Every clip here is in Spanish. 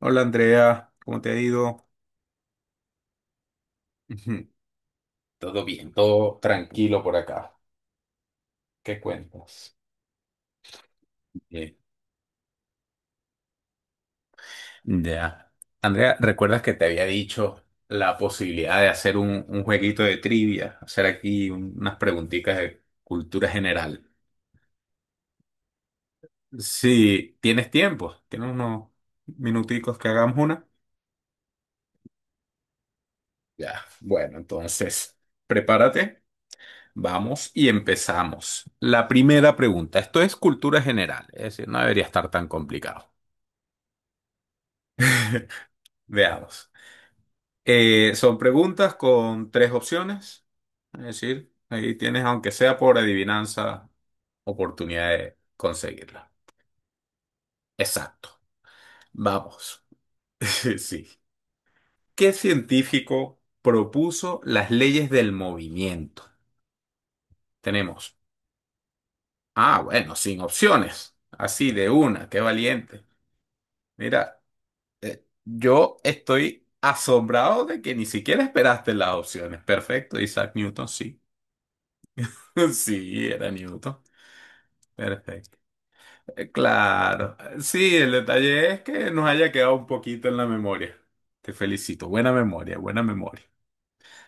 Hola Andrea, ¿cómo te ha ido? Ujú. Todo bien, todo tranquilo por acá. ¿Qué cuentas? Bien. Ya. Andrea, ¿recuerdas que te había dicho la posibilidad de hacer un jueguito de trivia? Hacer aquí unas preguntitas de cultura general. Sí, ¿tienes tiempo? Tiene unos minuticos que hagamos una. Ya. Bueno, entonces, prepárate. Vamos y empezamos. La primera pregunta. Esto es cultura general, es decir, no debería estar tan complicado. Veamos. Son preguntas con tres opciones. Es decir, ahí tienes, aunque sea por adivinanza, oportunidad de conseguirla. Exacto. Vamos. Sí. ¿Qué científico propuso las leyes del movimiento? Tenemos. Ah, bueno, sin opciones. Así de una, qué valiente. Mira, yo estoy asombrado de que ni siquiera esperaste las opciones. Perfecto, Isaac Newton, sí. Sí, era Newton. Perfecto. Claro. Sí, el detalle es que nos haya quedado un poquito en la memoria. Te felicito. Buena memoria, buena memoria.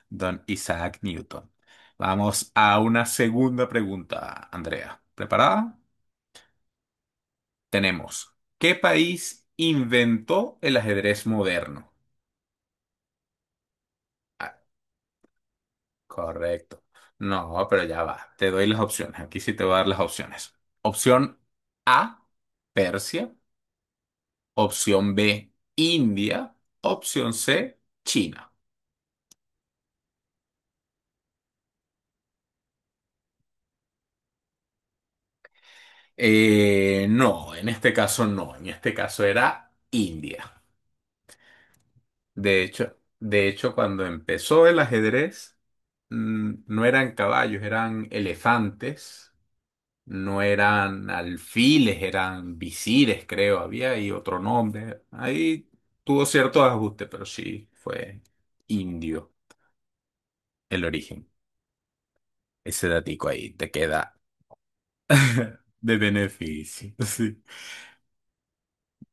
Don Isaac Newton. Vamos a una segunda pregunta, Andrea. ¿Preparada? Tenemos. ¿Qué país inventó el ajedrez moderno? Ah, correcto. No, pero ya va. Te doy las opciones. Aquí sí te voy a dar las opciones. Opción A, Persia. Opción B, India. Opción C, China. No, en este caso no, en este caso era India. De hecho, cuando empezó el ajedrez, no eran caballos, eran elefantes, no eran alfiles, eran visires, creo, había ahí otro nombre. Ahí tuvo ciertos ajustes, pero sí fue indio el origen. Ese datico ahí te queda. De beneficio, sí.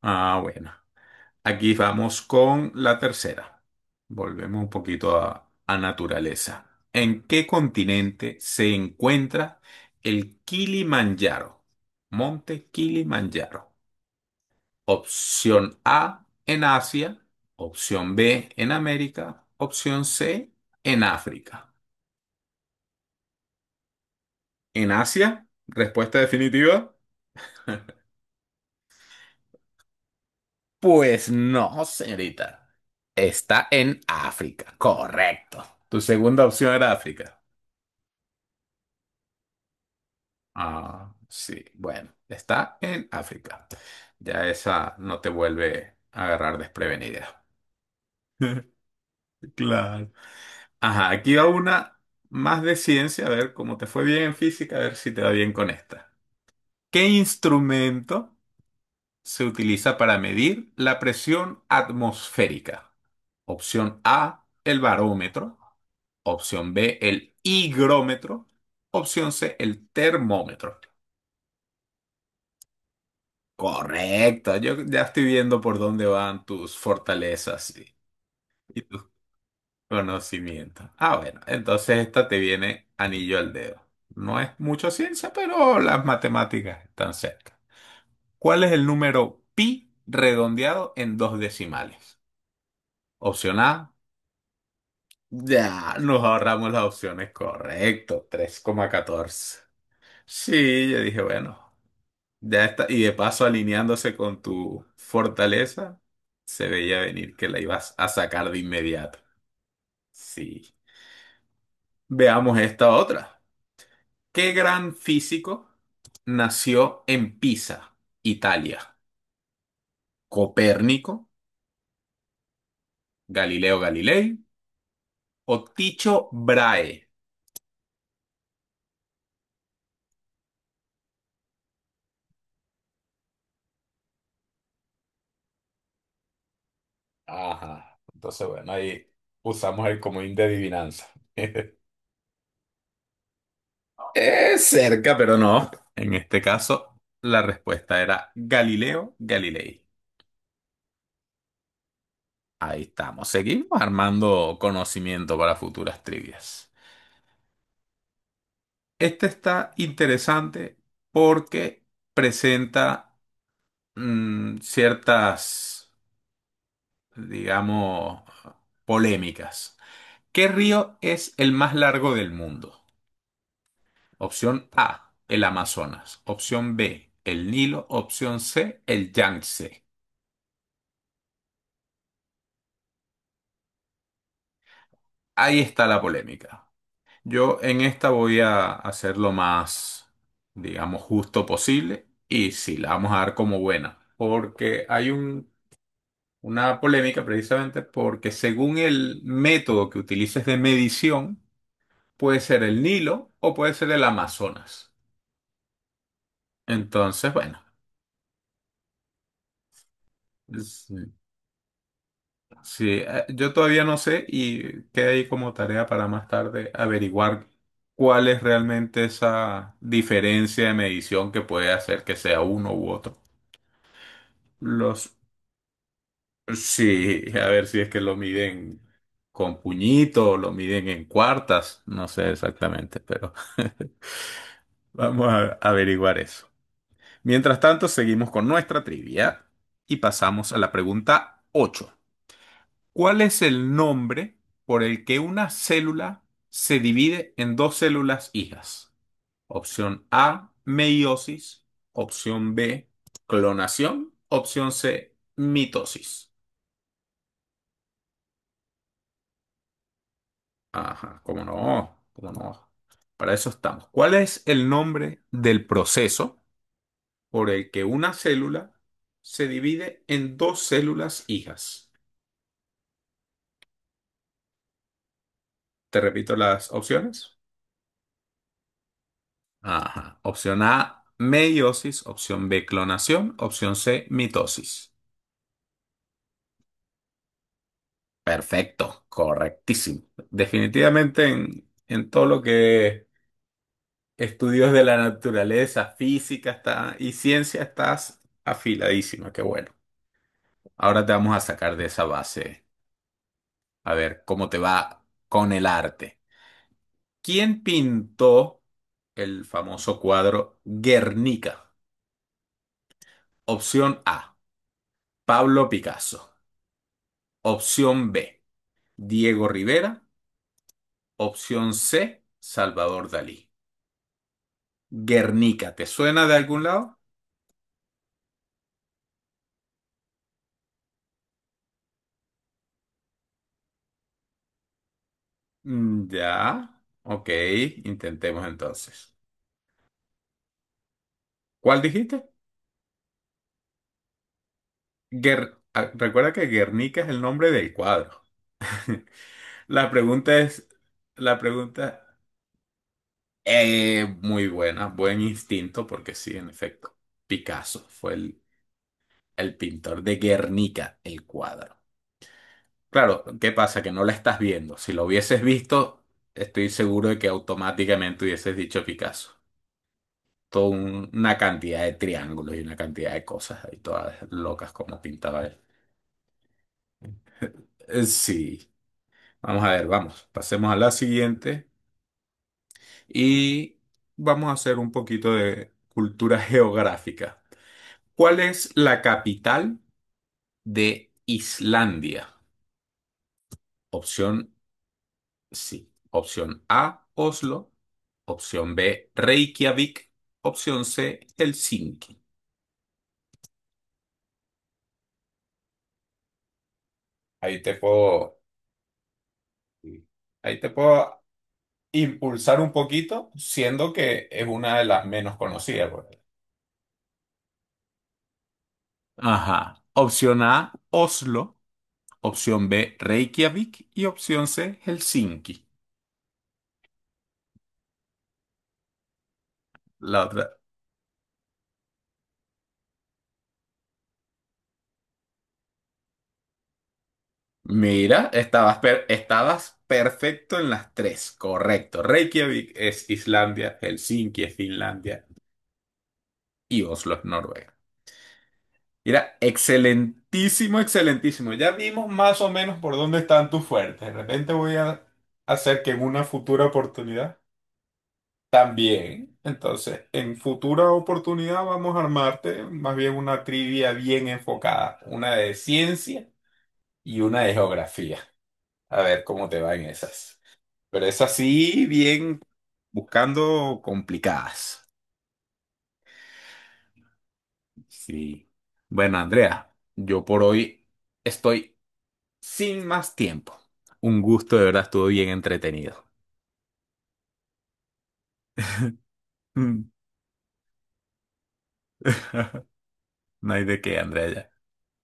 Ah, bueno. Aquí vamos con la tercera. Volvemos un poquito a naturaleza. ¿En qué continente se encuentra el Kilimanjaro? Monte Kilimanjaro. Opción A en Asia, opción B en América, opción C en África. ¿En Asia? Respuesta definitiva. Pues no, señorita. Está en África, correcto. Tu segunda opción era África. Ah, sí, bueno, está en África. Ya esa no te vuelve a agarrar desprevenida. Claro. Ajá, aquí va una más de ciencia, a ver cómo te fue bien en física, a ver si te va bien con esta. ¿Qué instrumento se utiliza para medir la presión atmosférica? Opción A, el barómetro. Opción B, el higrómetro. Opción C, el termómetro. Correcto, yo ya estoy viendo por dónde van tus fortalezas y tus conocimientos. Ah, bueno, entonces esta te viene anillo al dedo. No es mucha ciencia, pero las matemáticas están cerca. ¿Cuál es el número pi redondeado en dos decimales? Opción A. Ya, nos ahorramos las opciones, correcto, 3,14. Sí, yo dije, bueno, ya está. Y de paso, alineándose con tu fortaleza, se veía venir que la ibas a sacar de inmediato. Sí. Veamos esta otra. ¿Qué gran físico nació en Pisa, Italia? ¿Copérnico, Galileo Galilei o Ticho Brahe? Ajá. Entonces, bueno, ahí usamos el comodín de adivinanza. Cerca, pero no. En este caso, la respuesta era Galileo Galilei. Ahí estamos. Seguimos armando conocimiento para futuras trivias. Este está interesante porque presenta ciertas, digamos, polémicas. ¿Qué río es el más largo del mundo? Opción A, el Amazonas. Opción B, el Nilo. Opción C, el Yangtze. Ahí está la polémica. Yo en esta voy a hacer lo más, digamos, justo posible y sí, la vamos a dar como buena, porque hay una polémica precisamente porque según el método que utilices de medición, puede ser el Nilo o puede ser el Amazonas. Entonces, bueno, sí, sí, yo todavía no sé y queda ahí como tarea para más tarde averiguar cuál es realmente esa diferencia de medición que puede hacer que sea uno u otro. Los, sí, a ver si es que lo miden con puñito o lo miden en cuartas, no sé exactamente, pero vamos a averiguar eso. Mientras tanto, seguimos con nuestra trivia y pasamos a la pregunta 8. ¿Cuál es el nombre por el que una célula se divide en dos células hijas? Opción A, meiosis, opción B, clonación, opción C, mitosis. Ajá, cómo no, cómo no. Para eso estamos. ¿Cuál es el nombre del proceso por el que una célula se divide en dos células hijas? Te repito las opciones. Ajá. Opción A, meiosis. Opción B, clonación. Opción C, mitosis. Perfecto, correctísimo. Definitivamente en todo lo que estudios de la naturaleza, física está, y ciencia estás afiladísima. Qué bueno. Ahora te vamos a sacar de esa base. A ver cómo te va con el arte. ¿Quién pintó el famoso cuadro Guernica? Opción A, Pablo Picasso. Opción B, Diego Rivera. Opción C, Salvador Dalí. Guernica, ¿te suena de algún lado? Mm, ya. Ok, intentemos entonces. ¿Cuál dijiste? Guer- ah, recuerda que Guernica es el nombre del cuadro. La pregunta es, la pregunta, muy buena, buen instinto, porque sí, en efecto, Picasso fue el pintor de Guernica, el cuadro. Claro, ¿qué pasa? Que no la estás viendo. Si lo hubieses visto, estoy seguro de que automáticamente hubieses dicho Picasso. Toda una cantidad de triángulos y una cantidad de cosas ahí, todas locas como pintaba él. Sí, vamos a ver, vamos, pasemos a la siguiente. Y vamos a hacer un poquito de cultura geográfica. ¿Cuál es la capital de Islandia? Opción sí. Opción A, Oslo. Opción B, Reykjavik. Opción C, Helsinki. Ahí te puedo, ahí te puedo impulsar un poquito, siendo que es una de las menos conocidas. Porque- ajá. Opción A, Oslo. Opción B, Reykjavik. Y opción C, Helsinki. La otra. Mira, estabas, estabas perfecto en las tres. Correcto. Reykjavik es Islandia, Helsinki es Finlandia y Oslo es Noruega. Mira, excelentísimo, excelentísimo. Ya vimos más o menos por dónde están tus fuertes. De repente voy a hacer que en una futura oportunidad también. Entonces, en futura oportunidad vamos a armarte más bien una trivia bien enfocada. Una de ciencia y una de geografía. A ver cómo te va en esas. Pero es así, bien buscando complicadas. Sí. Bueno, Andrea, yo por hoy estoy sin más tiempo. Un gusto, de verdad, estuvo bien entretenido. Mm. No hay de qué, Andrea. Ya.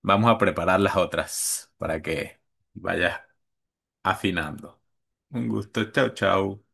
Vamos a preparar las otras para que vayas afinando. Un gusto, chao, chao.